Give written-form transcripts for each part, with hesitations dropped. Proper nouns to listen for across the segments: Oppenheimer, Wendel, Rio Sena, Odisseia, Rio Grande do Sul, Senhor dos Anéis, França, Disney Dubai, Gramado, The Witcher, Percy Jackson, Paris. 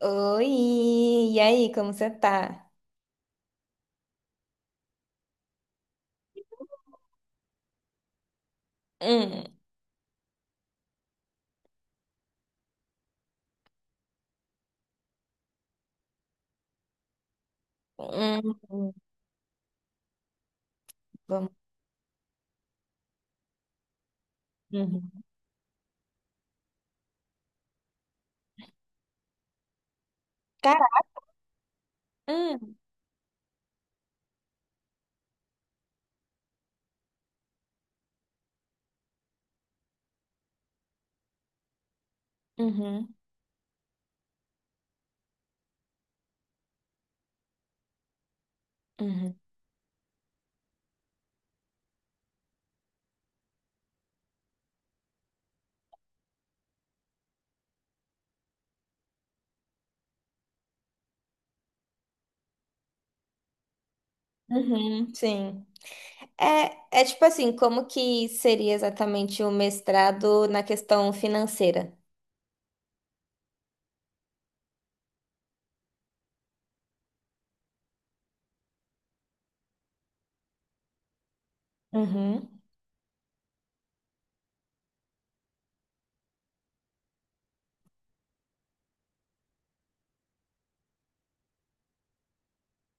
Oi, e aí, como você tá? Hum, hum. Vamos. Uhum. Cara, hum, uhum, uhum, uhum, sim. É, tipo assim, como que seria exatamente o mestrado na questão financeira? Uhum.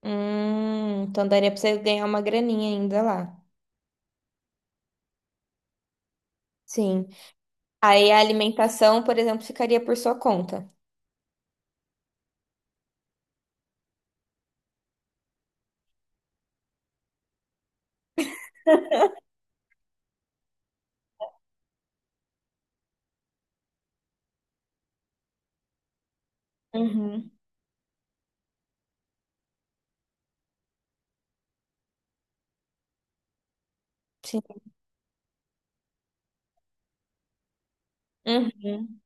Então daria pra você ganhar uma graninha ainda lá. Sim. Aí a alimentação, por exemplo, ficaria por sua conta. Uhum. Sim. Uhum.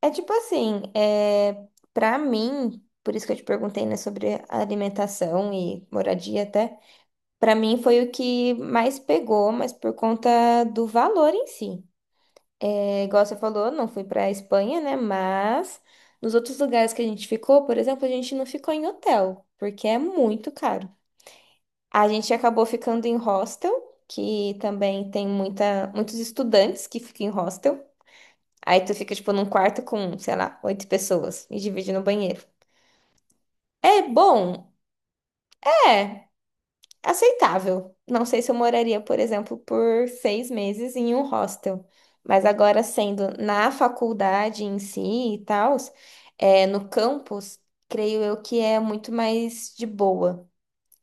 É tipo assim, para mim, por isso que eu te perguntei, né, sobre a alimentação e moradia até, pra mim foi o que mais pegou, mas por conta do valor em si. É, igual você falou, não fui pra Espanha, né, mas nos outros lugares que a gente ficou, por exemplo, a gente não ficou em hotel, porque é muito caro. A gente acabou ficando em hostel, que também tem muitos estudantes que ficam em hostel. Aí tu fica, tipo, num quarto com, sei lá, oito pessoas e divide no banheiro. É bom? É, aceitável. Não sei se eu moraria, por exemplo, por 6 meses em um hostel. Mas agora, sendo na faculdade em si e tal, no campus, creio eu que é muito mais de boa.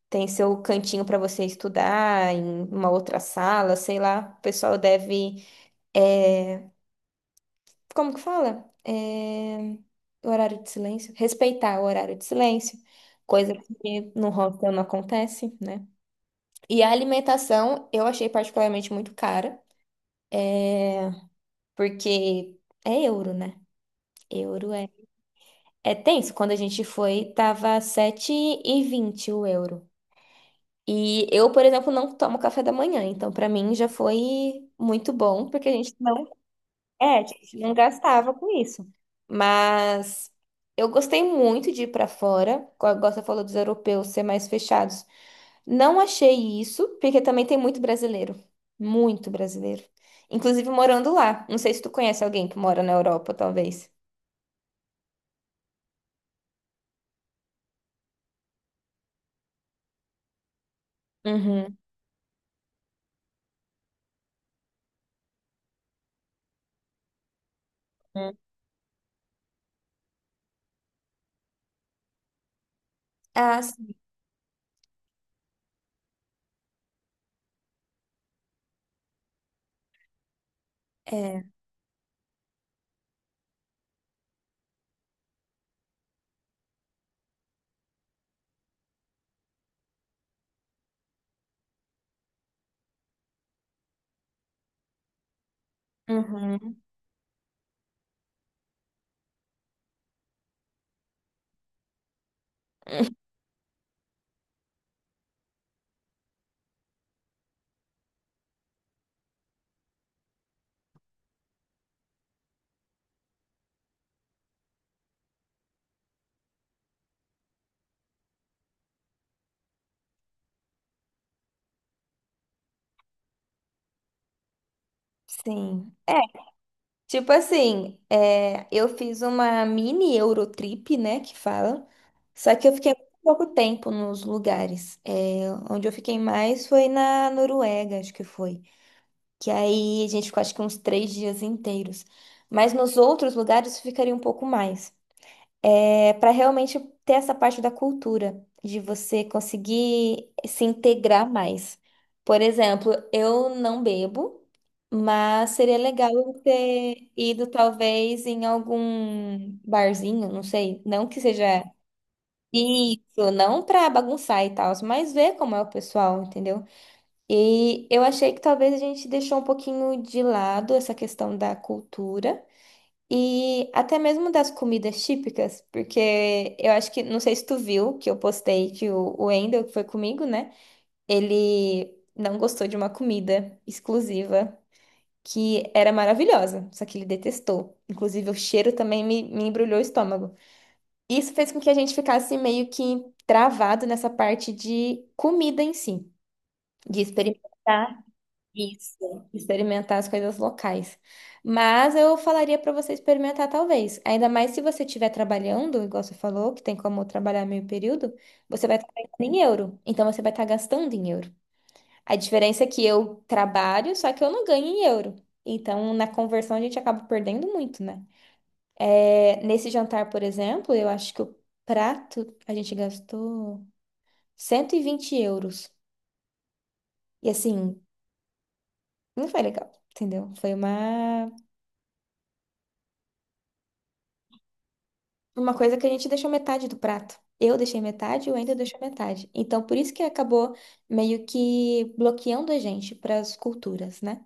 Tem seu cantinho para você estudar, em uma outra sala, sei lá. O pessoal deve é, como que fala? O horário de silêncio. Respeitar o horário de silêncio, coisa que no hostel não acontece, né? E a alimentação eu achei particularmente muito cara, porque é euro, né? Euro é. É tenso. Quando a gente foi, tava 7,20 o euro. E eu, por exemplo, não tomo café da manhã, então pra mim já foi muito bom, porque a gente não. A gente não gastava com isso. Mas eu gostei muito de ir pra fora, como você falou dos europeus ser mais fechados. Não achei isso, porque também tem muito brasileiro. Muito brasileiro. Inclusive morando lá. Não sei se tu conhece alguém que mora na Europa, talvez. Uhum. Uhum. Ah, sim. É. Uhum. Sim. É, tipo assim, eu fiz uma mini Eurotrip, né, que fala. Só que eu fiquei muito pouco tempo nos lugares. Onde eu fiquei mais foi na Noruega, acho que foi. Que aí a gente ficou acho que uns 3 dias inteiros. Mas nos outros lugares eu ficaria um pouco mais, para realmente ter essa parte da cultura, de você conseguir se integrar mais. Por exemplo, eu não bebo, mas seria legal eu ter ido talvez em algum barzinho, não sei, não que seja isso, não para bagunçar e tal, mas ver como é o pessoal, entendeu? E eu achei que talvez a gente deixou um pouquinho de lado essa questão da cultura. E até mesmo das comidas típicas, porque eu acho que, não sei se tu viu, que eu postei que o Wendel, que foi comigo, né? Ele não gostou de uma comida exclusiva que era maravilhosa, só que ele detestou. Inclusive, o cheiro também me embrulhou o estômago. Isso fez com que a gente ficasse meio que travado nessa parte de comida em si, de experimentar. Isso, experimentar as coisas locais. Mas eu falaria para você experimentar, talvez. Ainda mais se você estiver trabalhando, igual você falou, que tem como trabalhar meio período, você vai estar ganhando em euro. Então você vai estar gastando em euro. A diferença é que eu trabalho, só que eu não ganho em euro. Então, na conversão, a gente acaba perdendo muito, né? É, nesse jantar, por exemplo, eu acho que o prato a gente gastou 120 euros. E assim, não foi legal, entendeu? Foi uma coisa que a gente deixou metade do prato. Eu deixei metade e o Wendel deixou metade. Então, por isso que acabou meio que bloqueando a gente para as culturas, né?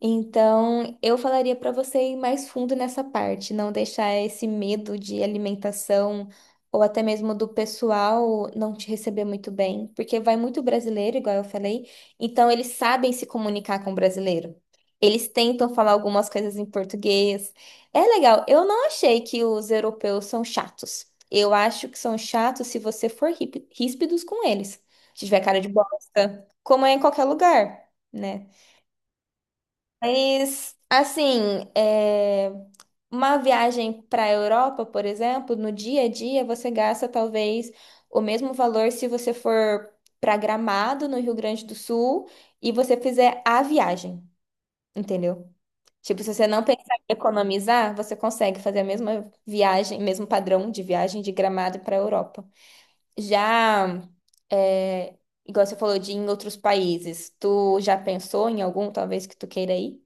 Então, eu falaria para você ir mais fundo nessa parte, não deixar esse medo de alimentação ou até mesmo do pessoal não te receber muito bem, porque vai muito brasileiro, igual eu falei, então eles sabem se comunicar com o brasileiro. Eles tentam falar algumas coisas em português. É legal, eu não achei que os europeus são chatos. Eu acho que são chatos se você for ríspidos com eles. Se tiver cara de bosta, como é em qualquer lugar, né? Mas, assim, uma viagem para a Europa, por exemplo, no dia a dia você gasta talvez o mesmo valor se você for para Gramado, no Rio Grande do Sul, e você fizer a viagem, entendeu? Tipo, se você não pensar em economizar, você consegue fazer a mesma viagem, mesmo padrão de viagem de Gramado para a Europa. Já, é, igual você falou de ir em outros países, tu já pensou em algum, talvez, que tu queira ir?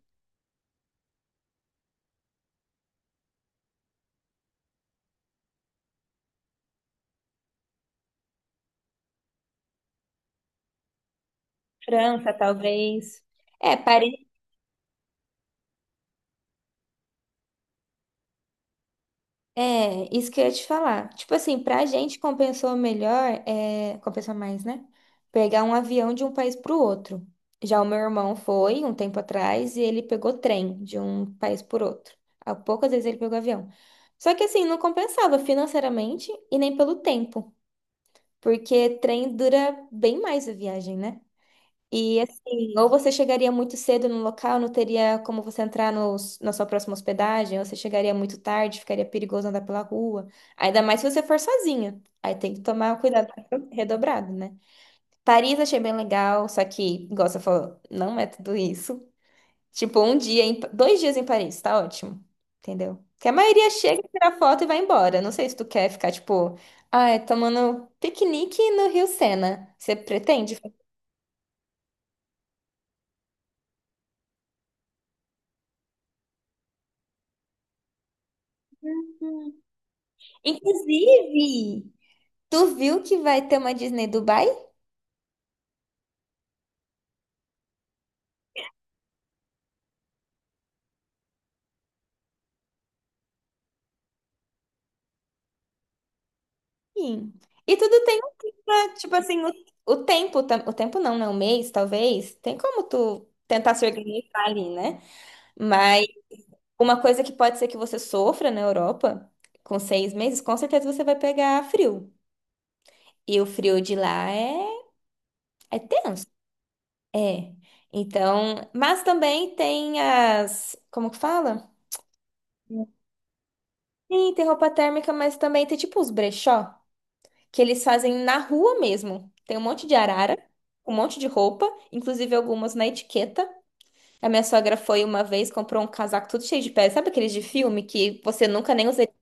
França, talvez. É, Paris. É, isso que eu ia te falar. Tipo assim, pra gente compensou melhor, compensou mais, né? Pegar um avião de um país pro outro. Já o meu irmão foi um tempo atrás e ele pegou trem de um país por outro. Há poucas vezes ele pegou avião. Só que assim, não compensava financeiramente e nem pelo tempo, porque trem dura bem mais a viagem, né? E assim, ou você chegaria muito cedo no local, não teria como você entrar na sua próxima hospedagem, ou você chegaria muito tarde, ficaria perigoso andar pela rua. Ainda mais se você for sozinha. Aí tem que tomar cuidado redobrado, né? Paris achei bem legal, só que, igual você falou, não é tudo isso. Tipo, um dia, 2 dias em Paris, tá ótimo. Entendeu? Porque a maioria chega, tira foto e vai embora. Não sei se tu quer ficar, tipo, ai, tomando piquenique no Rio Sena. Você pretende? Inclusive, tu viu que vai ter uma Disney Dubai? Sim. E tudo tem um clima, tipo assim, o tempo não, né? Um mês, talvez. Tem como tu tentar se organizar ali, né? Mas uma coisa que pode ser que você sofra na Europa, com 6 meses, com certeza você vai pegar frio. E o frio de lá é tenso. É. Então, mas também tem as, como que fala? Sim, tem roupa térmica, mas também tem tipo os brechó, que eles fazem na rua mesmo. Tem um monte de arara, um monte de roupa, inclusive algumas na etiqueta. A minha sogra foi uma vez, comprou um casaco todo cheio de pele. Sabe aqueles de filme que você nunca nem usaria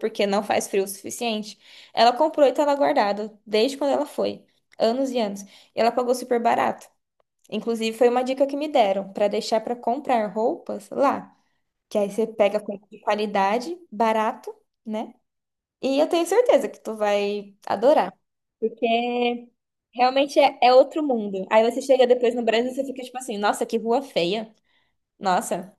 porque não faz frio o suficiente? Ela comprou e estava guardado desde quando ela foi, anos e anos. E ela pagou super barato. Inclusive, foi uma dica que me deram para deixar para comprar roupas lá. Que aí você pega com qualidade, barato, né? E eu tenho certeza que tu vai adorar. Porque realmente é outro mundo. Aí você chega depois no Brasil e você fica tipo assim, nossa, que rua feia. Nossa,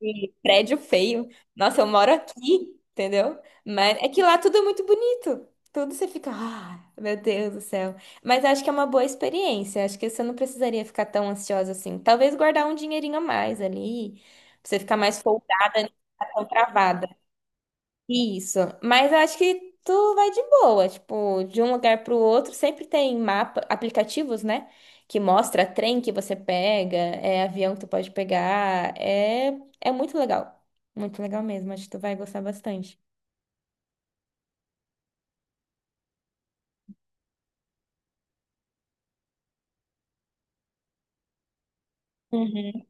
que prédio feio. Nossa, eu moro aqui, entendeu? Mas é que lá tudo é muito bonito. Tudo você fica, ah, meu Deus do céu. Mas acho que é uma boa experiência. Acho que você não precisaria ficar tão ansiosa assim. Talvez guardar um dinheirinho a mais ali, pra você ficar mais folgada, não ficar tão travada. Isso, mas eu acho que tu vai de boa, tipo, de um lugar pro outro, sempre tem mapa, aplicativos, né? Que mostra trem que você pega, é avião que tu pode pegar, é muito legal. Muito legal mesmo, acho que tu vai gostar bastante. Uhum.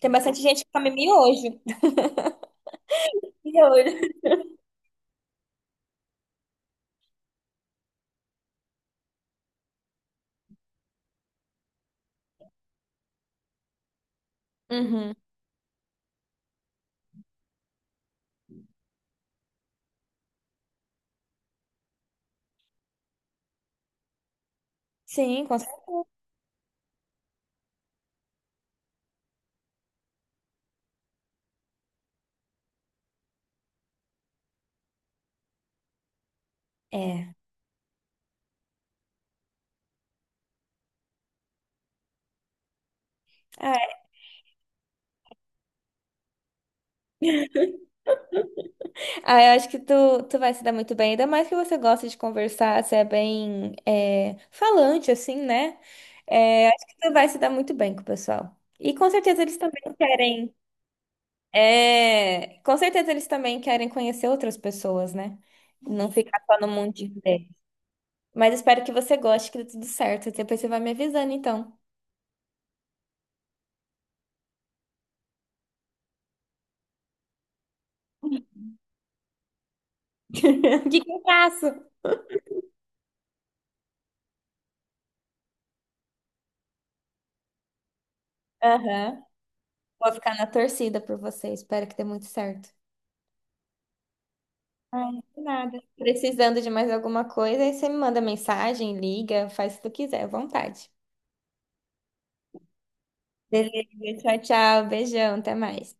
Tem bastante gente que come miojo. E olha, uhum. Sim, com certeza. É. Ah, eu acho que tu vai se dar muito bem, ainda mais que você gosta de conversar, você é bem falante, assim, né? É, acho que tu vai se dar muito bem com o pessoal. E com certeza eles também querem. É, com certeza eles também querem conhecer outras pessoas, né? Não ficar só no mundinho deles. Mas espero que você goste, que dê tudo certo. Depois você vai me avisando, então. O que que eu faço? Aham. Vou ficar na torcida por você. Espero que dê muito certo. Ai, de nada. Precisando de mais alguma coisa, aí você me manda mensagem, liga, faz o que tu quiser, à vontade. Beleza, tchau, tchau, beijão, até mais.